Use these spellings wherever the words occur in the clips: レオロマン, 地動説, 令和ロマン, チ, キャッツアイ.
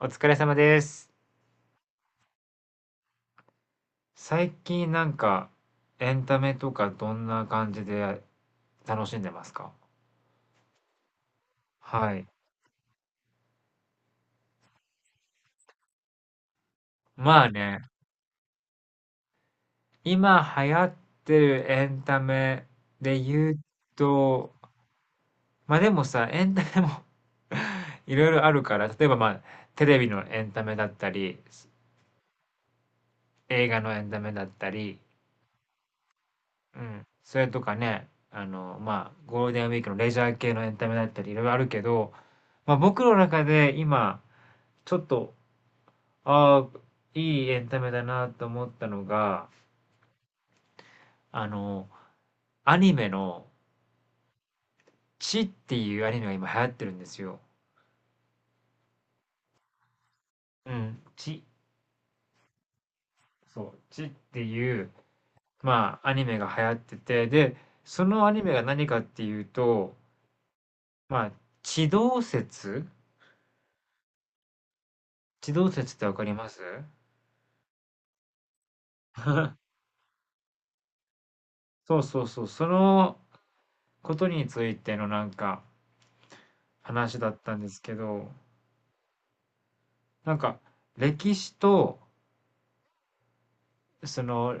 お疲れ様です。最近なんかエンタメとかどんな感じで楽しんでますか？はい。まあね、今流行ってるエンタメで言うと、まあでもさ、エンタメも いろいろあるから、例えばまあテレビのエンタメだったり、映画のエンタメだったり、うん、それとかね、あの、まあゴールデンウィークのレジャー系のエンタメだったりいろいろあるけど、まあ僕の中で今、ちょっと、ああ、いいエンタメだなと思ったのが、あの、アニメの、チっていうアニメが今流行ってるんですよ。うん、チ。そう、チっていう、まあ、アニメが流行ってて、で、そのアニメが何かっていうと、まあ、地動説地動説ってわかります？ そうそうそう、そのことについてのなんか話だったんですけど、なんか歴史とその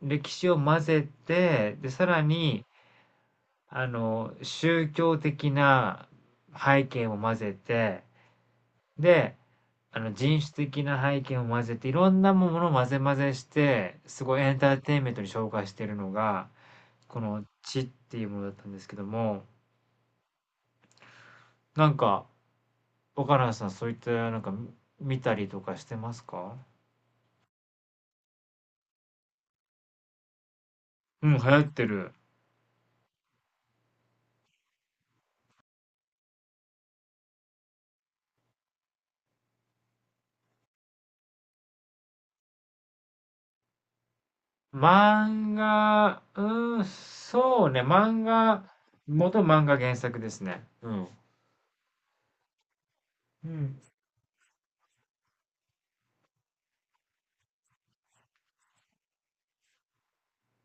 歴史を混ぜて、で、さらに、あの、宗教的な背景も混ぜて、で、あの、人種的な背景も混ぜて、いろんなものを混ぜ混ぜして、すごいエンターテインメントに昇華してるのが、この「地」っていうものだったんですけども、なんか、若菜さんそういったなんか見たりとかしてますか？うん、流行ってる。漫画、うん、そうね、漫画、元漫画原作ですね。うん。うん。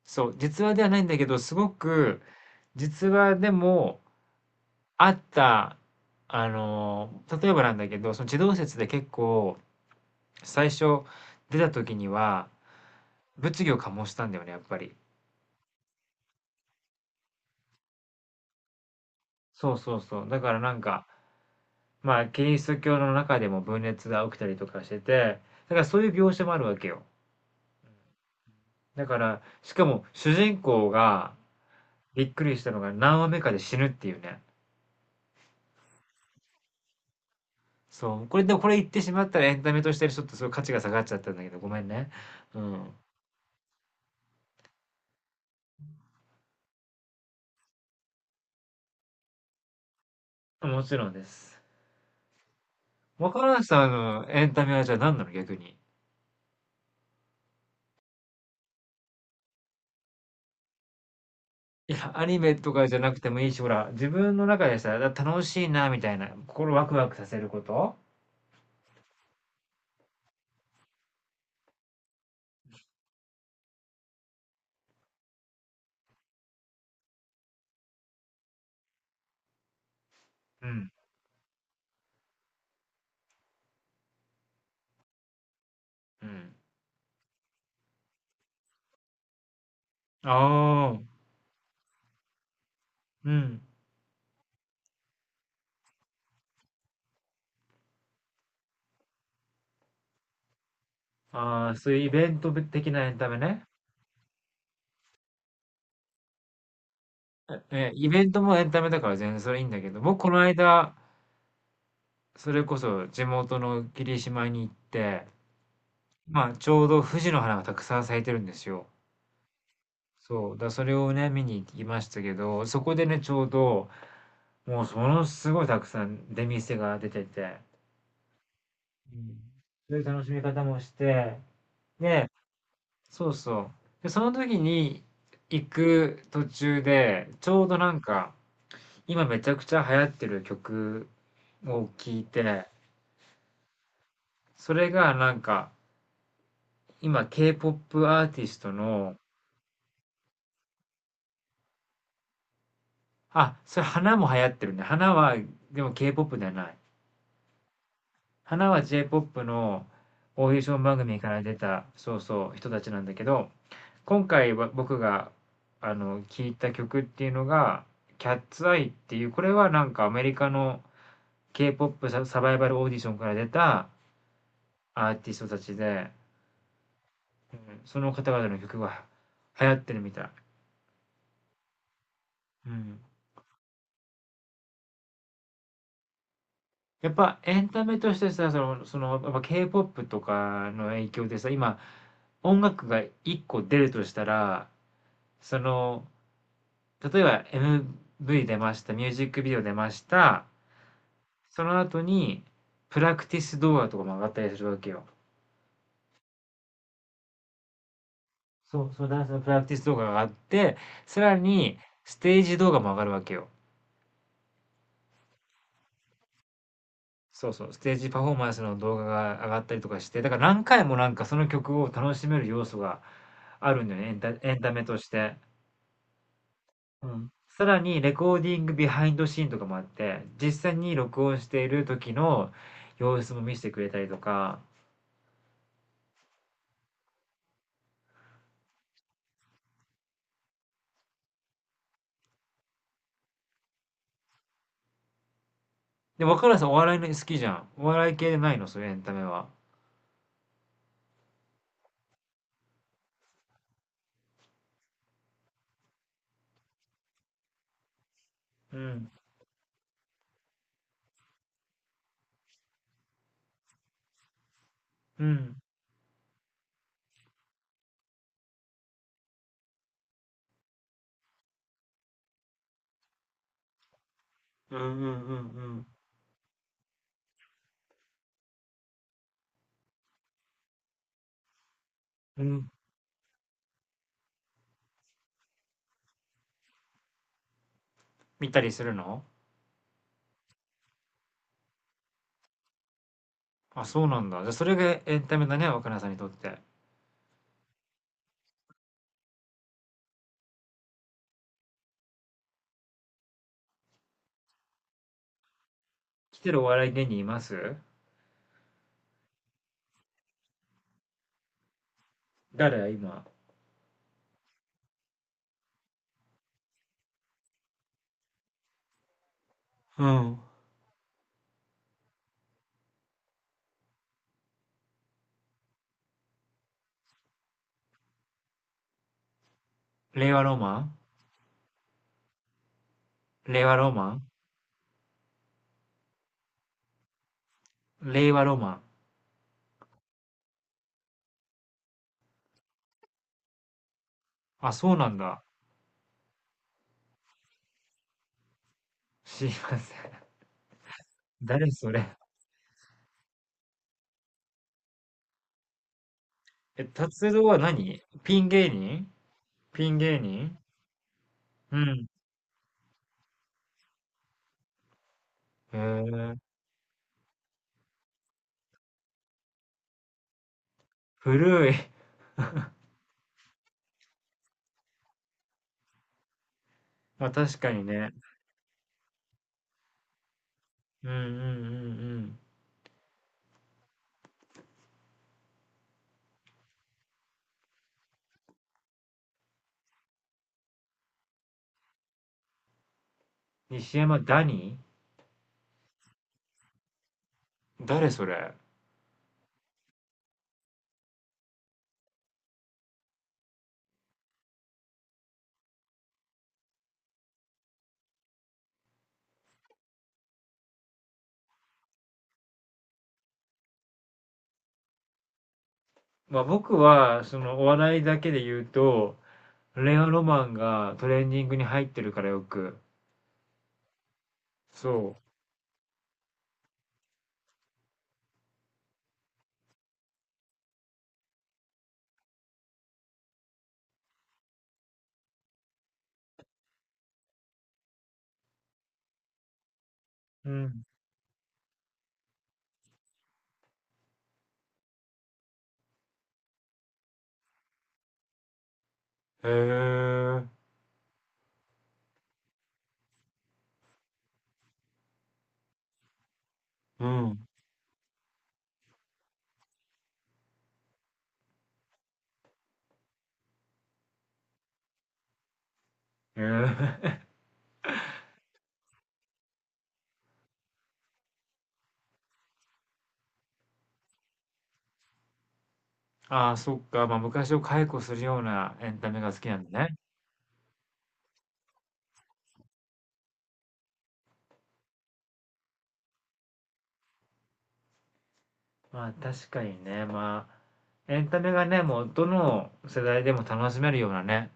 そう、実話ではないんだけど、すごく、実話でもあった、あの、例えばなんだけど、その地動説で結構、最初出た時には、物議を醸したんだよね、やっぱり。そうそうそう。だからなんか、まあ、キリスト教の中でも分裂が起きたりとかしてて、だからそういう描写もあるわけよ。だから、しかも主人公がびっくりしたのが何話目かで死ぬっていうね。そう。これ、でもこれ言ってしまったらエンタメとしてちょっとそごいう価値が下がっちゃったんだけど、ごめんね。うん。もちろんです。若林さんのエンタメはじゃあ何なの逆に？いや、アニメとかじゃなくてもいいし、ほら、自分の中でさ、楽しいな、みたいな、心ワクワクさせること。うん。うん。ああ、うん。ああ、そういうイベント的なエンタメね。え、イベントもエンタメだから全然それいいんだけど、僕この間、それこそ地元の霧島に行って、まあちょうど富士の花がたくさん咲いてるんですよ。そう。だそれをね、見に行きましたけど、そこでね、ちょうど、もうそのすごいたくさん出店が出てて、うん。そういう楽しみ方もして、で、そうそう。で、その時に行く途中で、ちょうどなんか、今めちゃくちゃ流行ってる曲を聴いて、それがなんか、今 K-POP アーティストのあ、それ花も流行ってるね。花は、でも K-POP ではない。花は J-POP のオーディション番組から出た、そうそう、人たちなんだけど、今回は僕が、あの、聞いた曲っていうのが、キャッツアイっていう、これはなんかアメリカの K-POP ササバイバルオーディションから出たアーティストたちで、うん、その方々の曲が流行ってるみたい。うん。やっぱエンタメとしてさ、その、やっぱ K-POP とかの影響でさ、今、音楽が1個出るとしたら、その、例えば MV 出ました、ミュージックビデオ出ました、その後に、プラクティス動画とかも上がったりするわけよ。そう、そう、ダンスのプラクティス動画が上がって、さらに、ステージ動画も上がるわけよ。そうそう、ステージパフォーマンスの動画が上がったりとかして、だから何回もなんかその曲を楽しめる要素があるんだよね、エンタメとして。うん。さらにレコーディングビハインドシーンとかもあって、実際に録音している時の様子も見せてくれたりとか。で、若菜さんお笑いの好きじゃん。お笑い系でないの？そういうエンタメは。うん。うん。うんうんうんうん。うん。見たりするの？あ、そうなんだ。じゃ、それがエンタメだね、若菜さんにとって。来てるお笑い芸人います？誰？今。うん。令和ロマン？令和ロマン？令和ロマン。あ、そうなんだ。知りません。誰それ？え、達郎は何？ピン芸人？ピン芸人？うん。へえ、古い。まあ確かにね。うんうんうんうん。西山ダニー？誰それ？まあ僕は、そのお笑いだけで言うと、レオロマンがトレンディングに入ってるからよく。そう。うん。へえ、うん。へえ。ああ、そっか。まあ昔を解雇するようなエンタメが好きなんだね。まあ確かにね、まあ、エンタメがね、もうどの世代でも楽しめるようなね、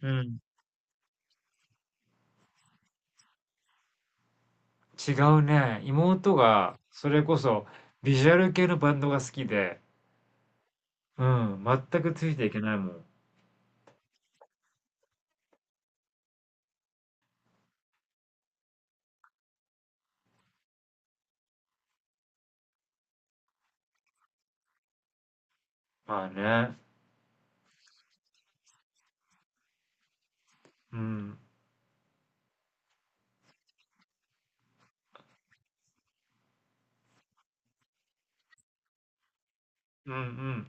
うん、違うね、妹がそれこそビジュアル系のバンドが好きで、うん、全くついていけないもん。まあね、うん、うんうん。